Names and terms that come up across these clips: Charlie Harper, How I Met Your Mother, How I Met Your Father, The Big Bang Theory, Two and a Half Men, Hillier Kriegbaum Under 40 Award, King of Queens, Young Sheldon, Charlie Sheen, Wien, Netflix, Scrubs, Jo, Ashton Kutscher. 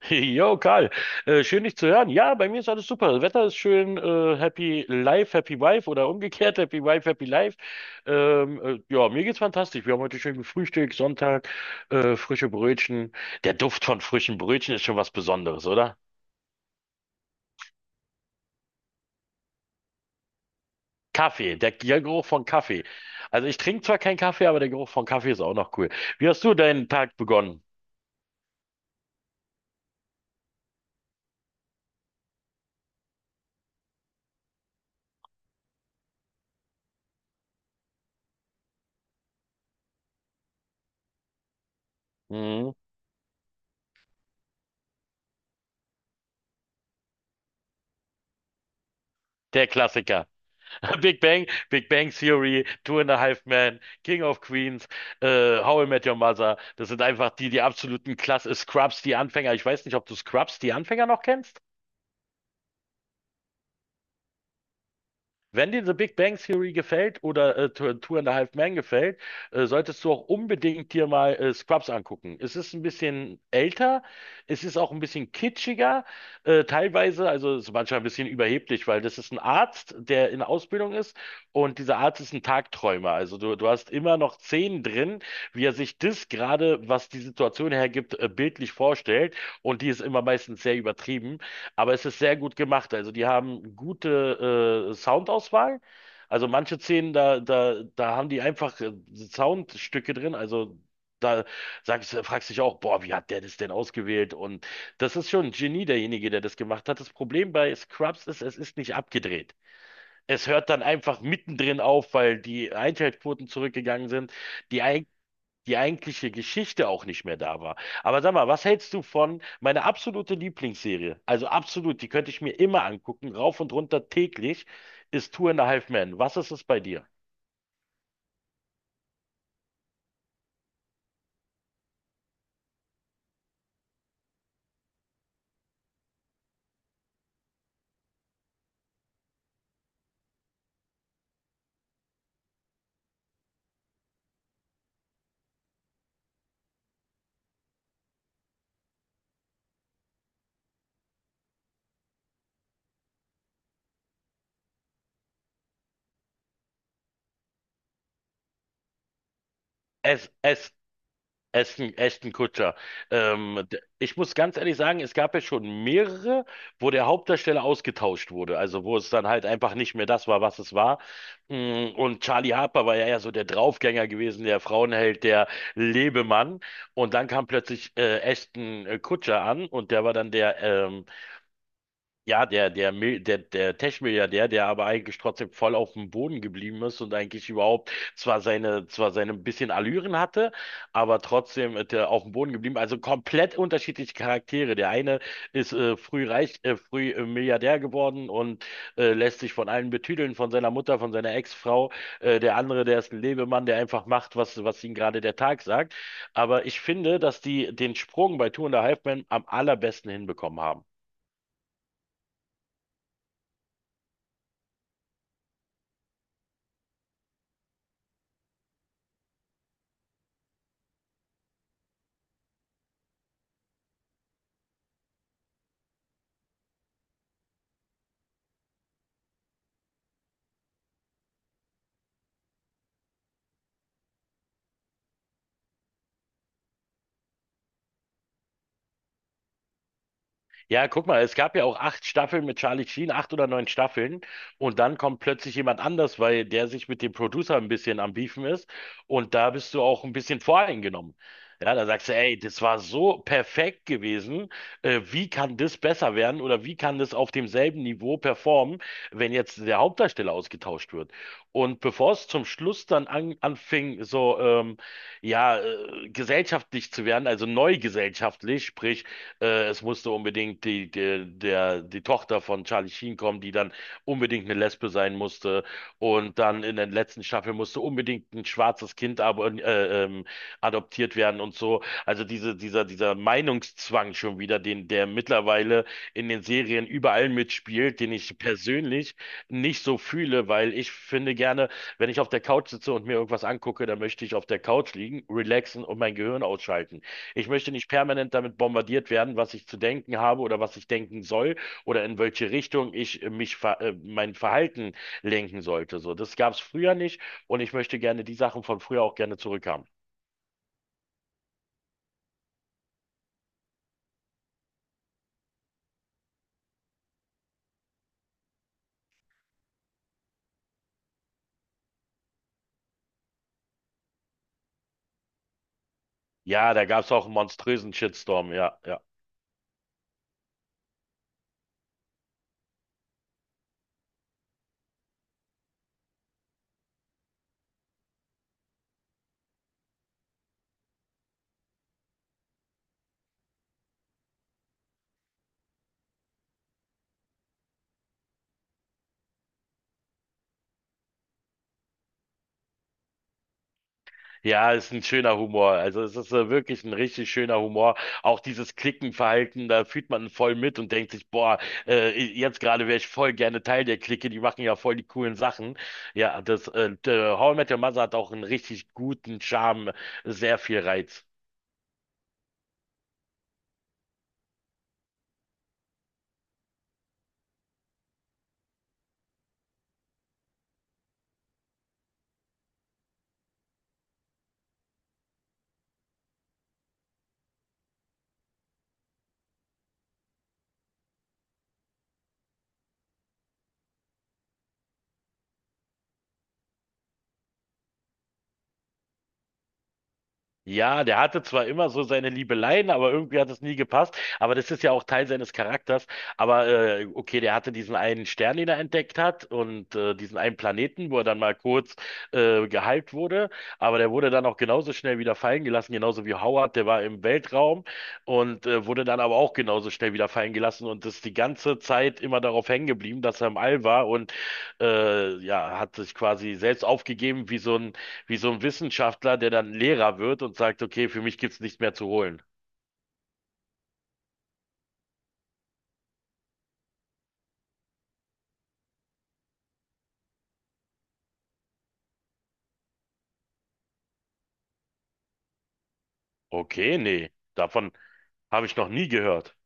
Jo, Karl, schön dich zu hören. Ja, bei mir ist alles super. Das Wetter ist schön, happy life, happy wife oder umgekehrt, happy wife, happy life. Ja, mir geht's fantastisch. Wir haben heute schön gefrühstückt, Sonntag, frische Brötchen. Der Duft von frischen Brötchen ist schon was Besonderes, oder? Kaffee, der Geruch von Kaffee. Also ich trinke zwar keinen Kaffee, aber der Geruch von Kaffee ist auch noch cool. Wie hast du deinen Tag begonnen? Mhm, der Klassiker. Big Bang Theory, Two and a Half Men, King of Queens, How I Met Your Mother. Das sind einfach die absoluten Klasse. Scrubs, die Anfänger. Ich weiß nicht, ob du Scrubs, die Anfänger noch kennst. Wenn dir The Big Bang Theory gefällt oder Two and a Half Men gefällt, solltest du auch unbedingt dir mal Scrubs angucken. Es ist ein bisschen älter, es ist auch ein bisschen kitschiger, teilweise, also es ist manchmal ein bisschen überheblich, weil das ist ein Arzt, der in Ausbildung ist und dieser Arzt ist ein Tagträumer. Also du hast immer noch Szenen drin, wie er sich das gerade, was die Situation hergibt, bildlich vorstellt und die ist immer meistens sehr übertrieben. Aber es ist sehr gut gemacht. Also die haben gute Soundauswahl. Also manche Szenen, da haben die einfach Soundstücke drin. Also da fragst dich auch, boah, wie hat der das denn ausgewählt? Und das ist schon ein Genie, derjenige, der das gemacht hat. Das Problem bei Scrubs ist, es ist nicht abgedreht. Es hört dann einfach mittendrin auf, weil die Einschaltquoten zurückgegangen sind. Die Die eigentliche Geschichte auch nicht mehr da war. Aber sag mal, was hältst du von meine absolute Lieblingsserie? Also absolut, die könnte ich mir immer angucken, rauf und runter täglich, ist Two and a Half Men. Was ist es bei dir? Es Ashton Kutscher. Ich muss ganz ehrlich sagen, es gab ja schon mehrere, wo der Hauptdarsteller ausgetauscht wurde. Also wo es dann halt einfach nicht mehr das war, was es war. Und Charlie Harper war ja eher so der Draufgänger gewesen, der Frauenheld, der Lebemann. Und dann kam plötzlich Ashton Kutscher an und der war dann der ja, der Tech-Milliardär, der aber eigentlich trotzdem voll auf dem Boden geblieben ist und eigentlich überhaupt zwar seine ein bisschen Allüren hatte, aber trotzdem der auf dem Boden geblieben. Also komplett unterschiedliche Charaktere. Der eine ist früh reich, früh Milliardär geworden und lässt sich von allen betüdeln, von seiner Mutter, von seiner Ex-Frau. Der andere, der ist ein Lebemann, der einfach macht, was ihm gerade der Tag sagt. Aber ich finde, dass die den Sprung bei Two and a Half Men am allerbesten hinbekommen haben. Ja, guck mal, es gab ja auch acht Staffeln mit Charlie Sheen, acht oder neun Staffeln. Und dann kommt plötzlich jemand anders, weil der sich mit dem Producer ein bisschen am Beefen ist. Und da bist du auch ein bisschen voreingenommen. Ja, da sagst du, ey, das war so perfekt gewesen. Wie kann das besser werden oder wie kann das auf demselben Niveau performen, wenn jetzt der Hauptdarsteller ausgetauscht wird? Und bevor es zum Schluss dann anfing, so ja, gesellschaftlich zu werden, also neu gesellschaftlich, sprich, es musste unbedingt die Tochter von Charlie Sheen kommen, die dann unbedingt eine Lesbe sein musste. Und dann in der letzten Staffel musste unbedingt ein schwarzes Kind aber, adoptiert werden und so. Also dieser Meinungszwang schon wieder, der mittlerweile in den Serien überall mitspielt, den ich persönlich nicht so fühle, weil ich finde gerne, wenn ich auf der Couch sitze und mir irgendwas angucke, dann möchte ich auf der Couch liegen, relaxen und mein Gehirn ausschalten. Ich möchte nicht permanent damit bombardiert werden, was ich zu denken habe oder was ich denken soll oder in welche Richtung ich mich ver mein Verhalten lenken sollte. So, das gab es früher nicht und ich möchte gerne die Sachen von früher auch gerne zurückhaben. Ja, da gab es auch einen monströsen Shitstorm, ja. Ja. Ja, ist ein schöner Humor. Also es ist wirklich ein richtig schöner Humor. Auch dieses Klickenverhalten, da fühlt man voll mit und denkt sich, boah, jetzt gerade wäre ich voll gerne Teil der Clique, die machen ja voll die coolen Sachen. Ja, das der How I Met Your Mother hat auch einen richtig guten Charme, sehr viel Reiz. Ja, der hatte zwar immer so seine Liebeleien, aber irgendwie hat es nie gepasst. Aber das ist ja auch Teil seines Charakters. Aber okay, der hatte diesen einen Stern, den er entdeckt hat und diesen einen Planeten, wo er dann mal kurz gehypt wurde. Aber der wurde dann auch genauso schnell wieder fallen gelassen, genauso wie Howard. Der war im Weltraum und wurde dann aber auch genauso schnell wieder fallen gelassen und ist die ganze Zeit immer darauf hängen geblieben, dass er im All war und ja, hat sich quasi selbst aufgegeben wie so ein Wissenschaftler, der dann Lehrer wird und sagt, okay, für mich gibt's nichts mehr zu holen. Okay, nee, davon habe ich noch nie gehört.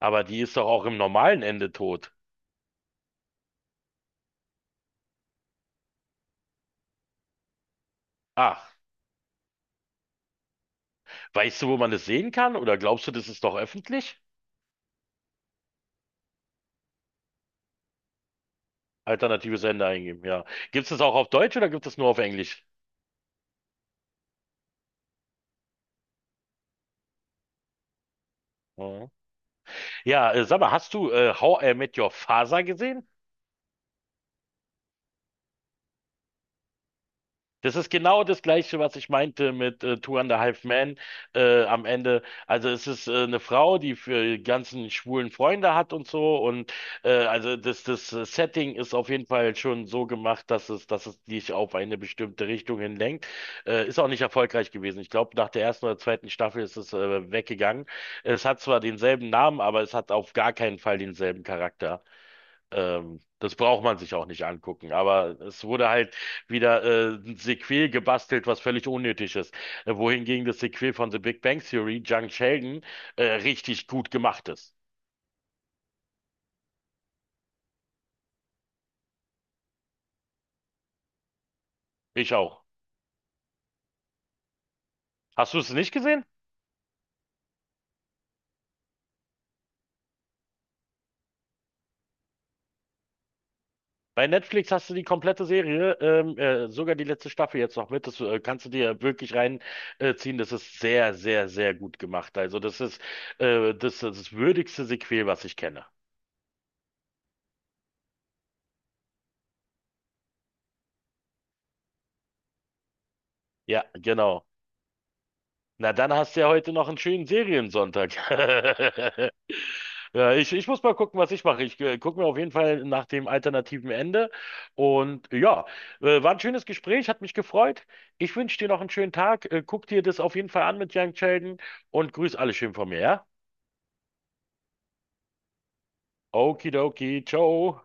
Aber die ist doch auch im normalen Ende tot. Ah, weißt du, wo man das sehen kann? Oder glaubst du, das ist doch öffentlich? Alternatives Ende eingeben, ja. Gibt's das auch auf Deutsch oder gibt es nur auf Englisch? Ja. Ja, Sag mal, hast du How I Met Your Father gesehen? Das ist genau das Gleiche, was ich meinte mit Two and a Half Men am Ende. Also es ist eine Frau, die für die ganzen schwulen Freunde hat und so. Und also das Setting ist auf jeden Fall schon so gemacht, dass es dich auf eine bestimmte Richtung hin lenkt. Ist auch nicht erfolgreich gewesen. Ich glaube, nach der ersten oder zweiten Staffel ist es weggegangen. Es hat zwar denselben Namen, aber es hat auf gar keinen Fall denselben Charakter. Das braucht man sich auch nicht angucken. Aber es wurde halt wieder ein Sequel gebastelt, was völlig unnötig ist. Wohingegen das Sequel von The Big Bang Theory, Young Sheldon, richtig gut gemacht ist. Ich auch. Hast du es nicht gesehen? Bei Netflix hast du die komplette Serie, sogar die letzte Staffel jetzt noch mit. Das kannst du dir wirklich reinziehen. Ziehen. Das ist sehr, sehr, sehr gut gemacht. Also das ist das würdigste Sequel, was ich kenne. Ja, genau. Na, dann hast du ja heute noch einen schönen Seriensonntag. Ja, ich muss mal gucken, was ich mache. Ich gucke mir auf jeden Fall nach dem alternativen Ende. Und ja, war ein schönes Gespräch, hat mich gefreut. Ich wünsche dir noch einen schönen Tag. Guck dir das auf jeden Fall an mit Young Sheldon und grüß alle schön von mir, ja? Okidoki, ciao.